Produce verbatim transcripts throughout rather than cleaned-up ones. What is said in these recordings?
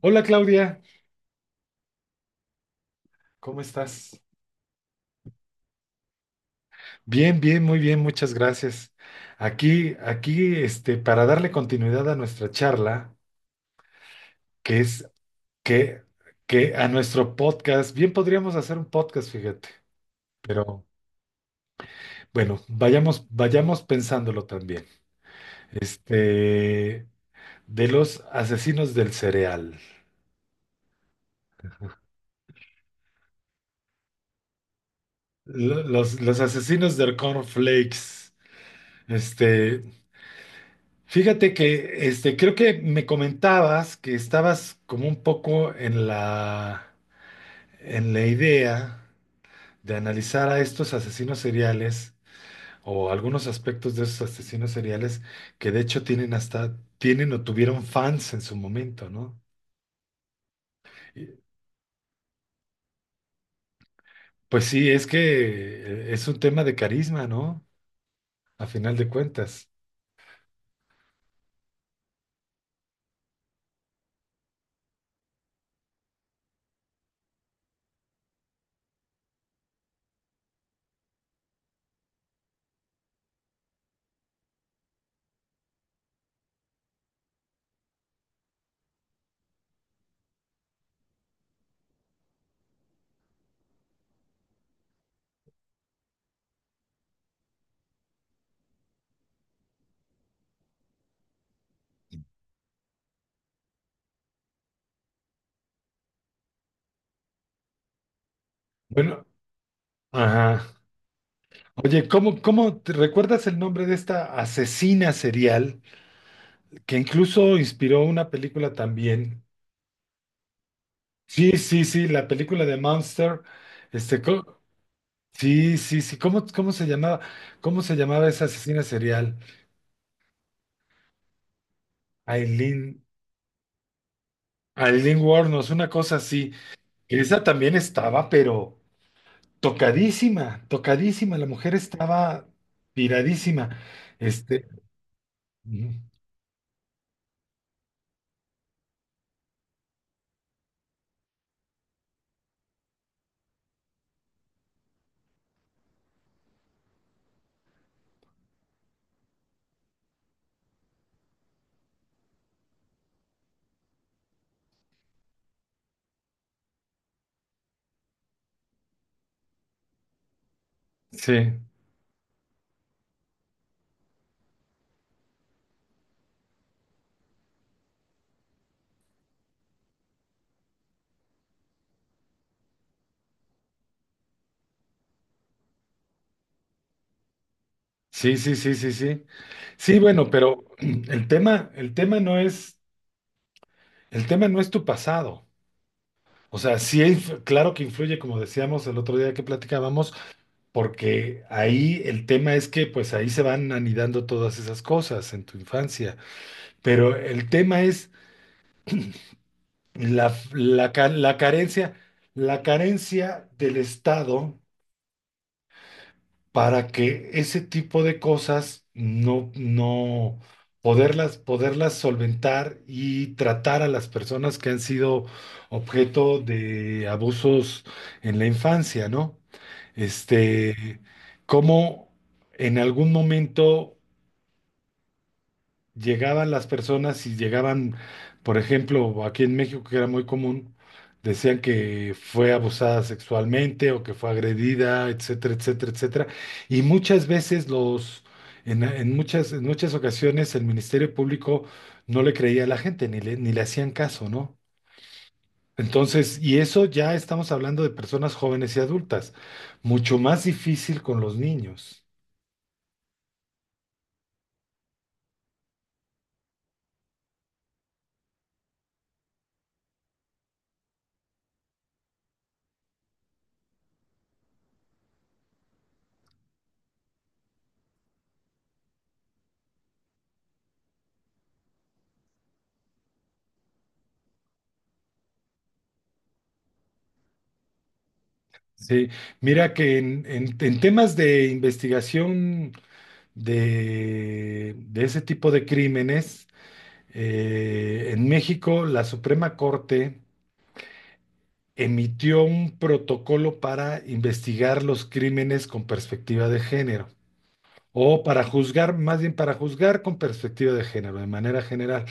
Hola Claudia, ¿cómo estás? Bien, bien, muy bien, muchas gracias. Aquí, aquí, este, para darle continuidad a nuestra charla, que es que, que a nuestro podcast, bien podríamos hacer un podcast, fíjate, pero bueno, vayamos, vayamos pensándolo también. Este, de los asesinos del cereal, lo- los, los asesinos del cornflakes. este, Fíjate que este, creo que me comentabas que estabas como un poco en la, en la idea de analizar a estos asesinos seriales o algunos aspectos de esos asesinos seriales que de hecho tienen hasta, tienen o tuvieron fans en su momento, ¿no? Y, Pues sí, es que eh, es un tema de carisma, ¿no? A final de cuentas. Bueno, ajá. Oye, ¿cómo, cómo te recuerdas el nombre de esta asesina serial?, que incluso inspiró una película también. Sí, sí, sí, la película de Monster. este, co- sí, sí, sí, ¿cómo, cómo se llamaba? ¿Cómo se llamaba esa asesina serial? Aileen, Aileen Wuornos, una cosa así. Que esa también estaba, pero tocadísima, tocadísima, la mujer estaba tiradísima. Este, ujú, sí, sí, sí, sí, sí, sí. Sí, bueno, pero el tema, el tema no es, el tema no es tu pasado. O sea, sí, inf- claro que influye, como decíamos el otro día que platicábamos, porque ahí el tema es que pues ahí se van anidando todas esas cosas en tu infancia, pero el tema es la, la, ca- la carencia, la carencia del Estado para que ese tipo de cosas no, no poderlas, poderlas solventar y tratar a las personas que han sido objeto de abusos en la infancia, ¿no? Este, cómo en algún momento llegaban las personas y llegaban, por ejemplo, aquí en México, que era muy común, decían que fue abusada sexualmente o que fue agredida, etcétera, etcétera, etcétera. Y muchas veces los, en, en muchas, en muchas ocasiones el Ministerio Público no le creía a la gente, ni le, ni le hacían caso, ¿no? Entonces, y eso ya estamos hablando de personas jóvenes y adultas, mucho más difícil con los niños. Sí, mira que en, en- en temas de investigación de, de ese tipo de crímenes. Eh, en México la Suprema Corte emitió un protocolo para investigar los crímenes con perspectiva de género, o para juzgar, más bien para juzgar con perspectiva de género, de manera general.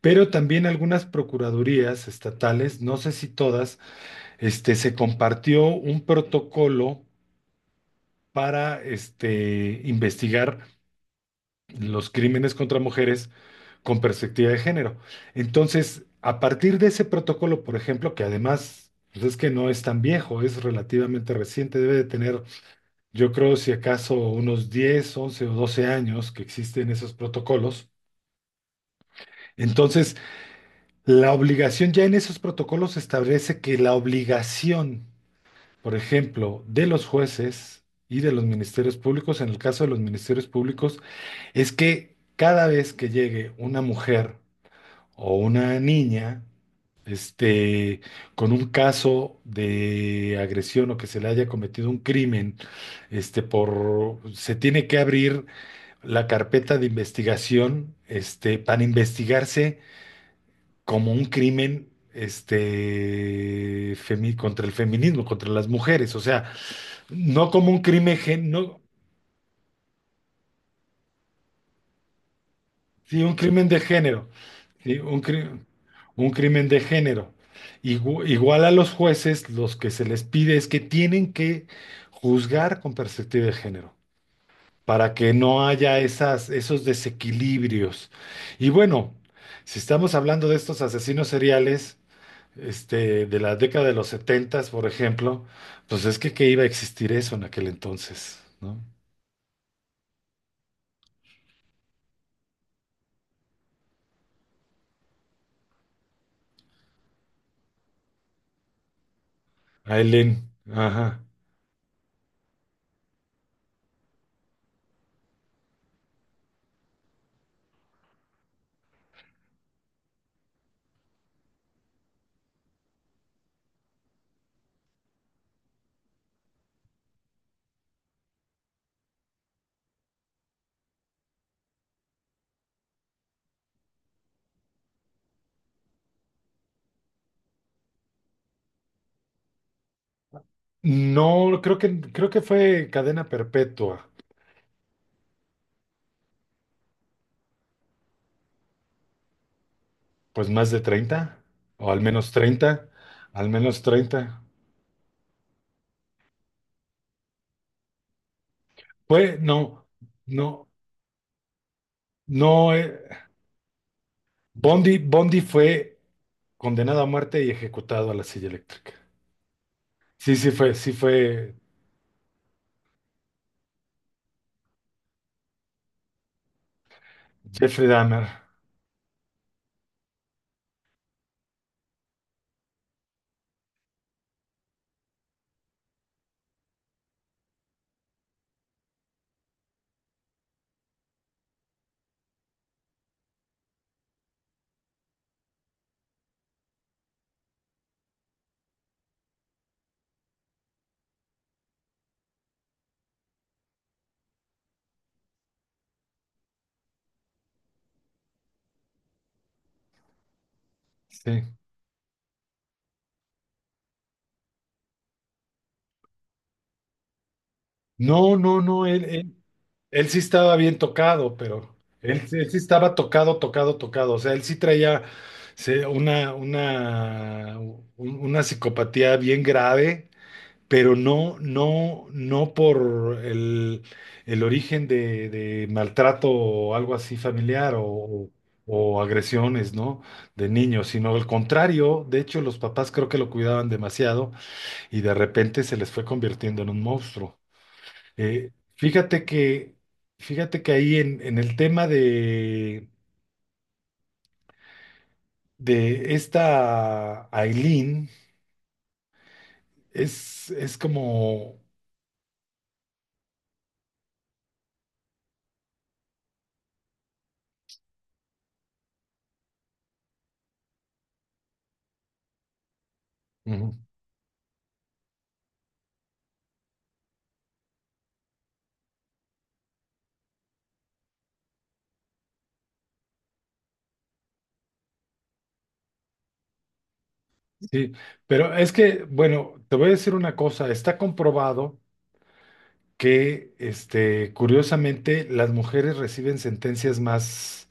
Pero también algunas procuradurías estatales, no sé si todas, este, se compartió un protocolo para este, investigar los crímenes contra mujeres con perspectiva de género. Entonces, a partir de ese protocolo, por ejemplo, que además pues es que no es tan viejo, es relativamente reciente, debe de tener, yo creo, si acaso unos diez, once o doce años que existen esos protocolos. Entonces, la obligación ya en esos protocolos establece que la obligación, por ejemplo, de los jueces y de los ministerios públicos, en el caso de los ministerios públicos, es que cada vez que llegue una mujer o una niña, este, con un caso de agresión o que se le haya cometido un crimen, este, por, se tiene que abrir la carpeta de investigación, este, para investigarse como un crimen, este, femi- contra el feminismo, contra las mujeres, o sea, no como un crimen, gen- no, sí, un crimen de género. Sí, un crimen, un crimen de género. Igu- Igual a los jueces, los que se les pide es que tienen que juzgar con perspectiva de género, para que no haya esas, esos desequilibrios. Y bueno, si estamos hablando de estos asesinos seriales, este, de la década de los setentas, por ejemplo, pues es que, que iba a existir eso en aquel entonces, ¿no? Aileen, ajá. No, creo que, creo que fue cadena perpetua. Pues más de treinta o al menos treinta, al menos treinta. Fue, no, no, no, eh, Bondi, Bondi fue condenado a muerte y ejecutado a la silla eléctrica. Sí, sí fue, sí fue. Jeffrey Dahmer, sí. No, no, no, él, él- él sí estaba bien tocado, pero él, él sí estaba tocado, tocado, tocado. O sea, él sí traía se- una, una, un- una psicopatía bien grave, pero no, no, no por el, el origen de, de maltrato o algo así familiar o, o o agresiones, ¿no? De niños, sino al contrario. De hecho, los papás creo que lo cuidaban demasiado y de repente se les fue convirtiendo en un monstruo. Eh, fíjate que, fíjate que ahí en, en el tema de, de esta Aileen es, es como, ujú, sí, pero es que, bueno, te voy a decir una cosa, está comprobado que, este, curiosamente, las mujeres reciben sentencias más,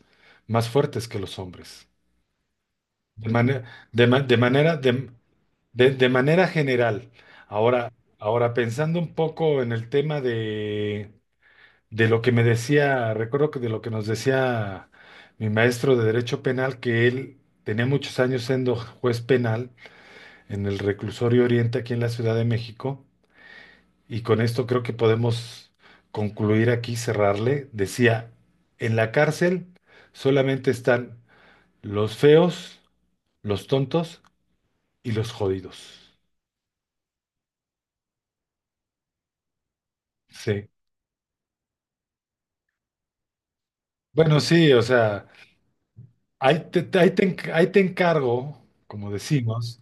más fuertes que los hombres, de manera, de, ma- de manera, de, de, de manera general. Ahora, ahora pensando un poco en el tema de lo que me decía, recuerdo que de lo que nos decía mi maestro de Derecho Penal, que él tenía muchos años siendo juez penal en el Reclusorio Oriente aquí en la Ciudad de México, y con esto creo que podemos concluir aquí, cerrarle. Decía, en la cárcel solamente están los feos, los tontos y los jodidos. Sí. Bueno, sí, o sea, ahí te, ahí te enc- ahí te encargo, como decimos.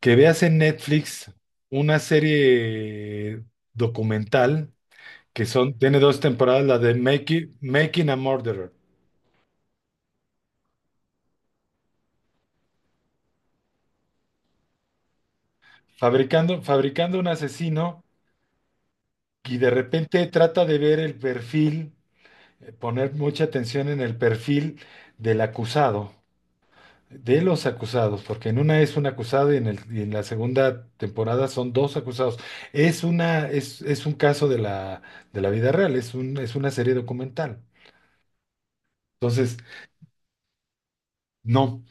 Que veas en Netflix una serie documental, que son, tiene dos temporadas, la de Making, Making a Murderer, fabricando, fabricando un asesino, y de repente trata de ver el perfil, eh, poner mucha atención en el perfil del acusado, de los acusados, porque en una es un acusado y en el- y en la segunda temporada son dos acusados. Es una, es, es un caso de la, de la vida real, es un, es una serie documental. Entonces, no.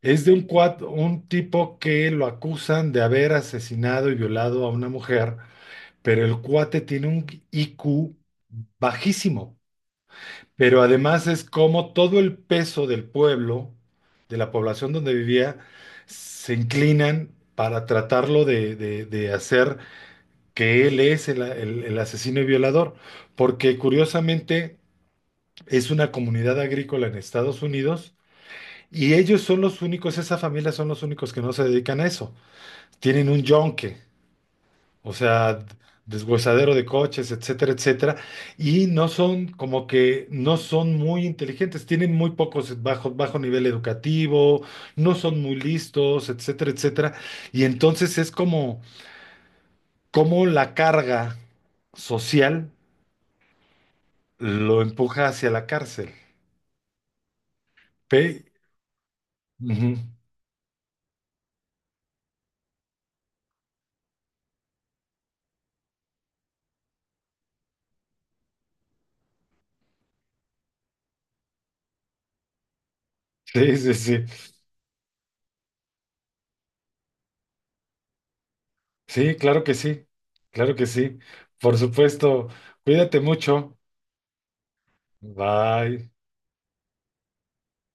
Es de un, cuat- un tipo que lo acusan de haber asesinado y violado a una mujer, pero el cuate tiene un I Q bajísimo. Pero además es como todo el peso del pueblo, de la población donde vivía, se inclinan para tratarlo de, de- de hacer que él es el, el el asesino y violador. Porque curiosamente es una comunidad agrícola en Estados Unidos y ellos son los únicos, esa familia son los únicos que no se dedican a eso. Tienen un yonque, o sea, deshuesadero de coches, etcétera, etcétera, y no son como que no son muy inteligentes, tienen muy pocos bajo, bajo nivel educativo, no son muy listos, etcétera, etcétera, y entonces es como, como la carga social lo empuja hacia la cárcel. Pe- Ujú. Sí, sí, sí, sí, claro que sí, claro que sí, por supuesto, cuídate mucho, bye.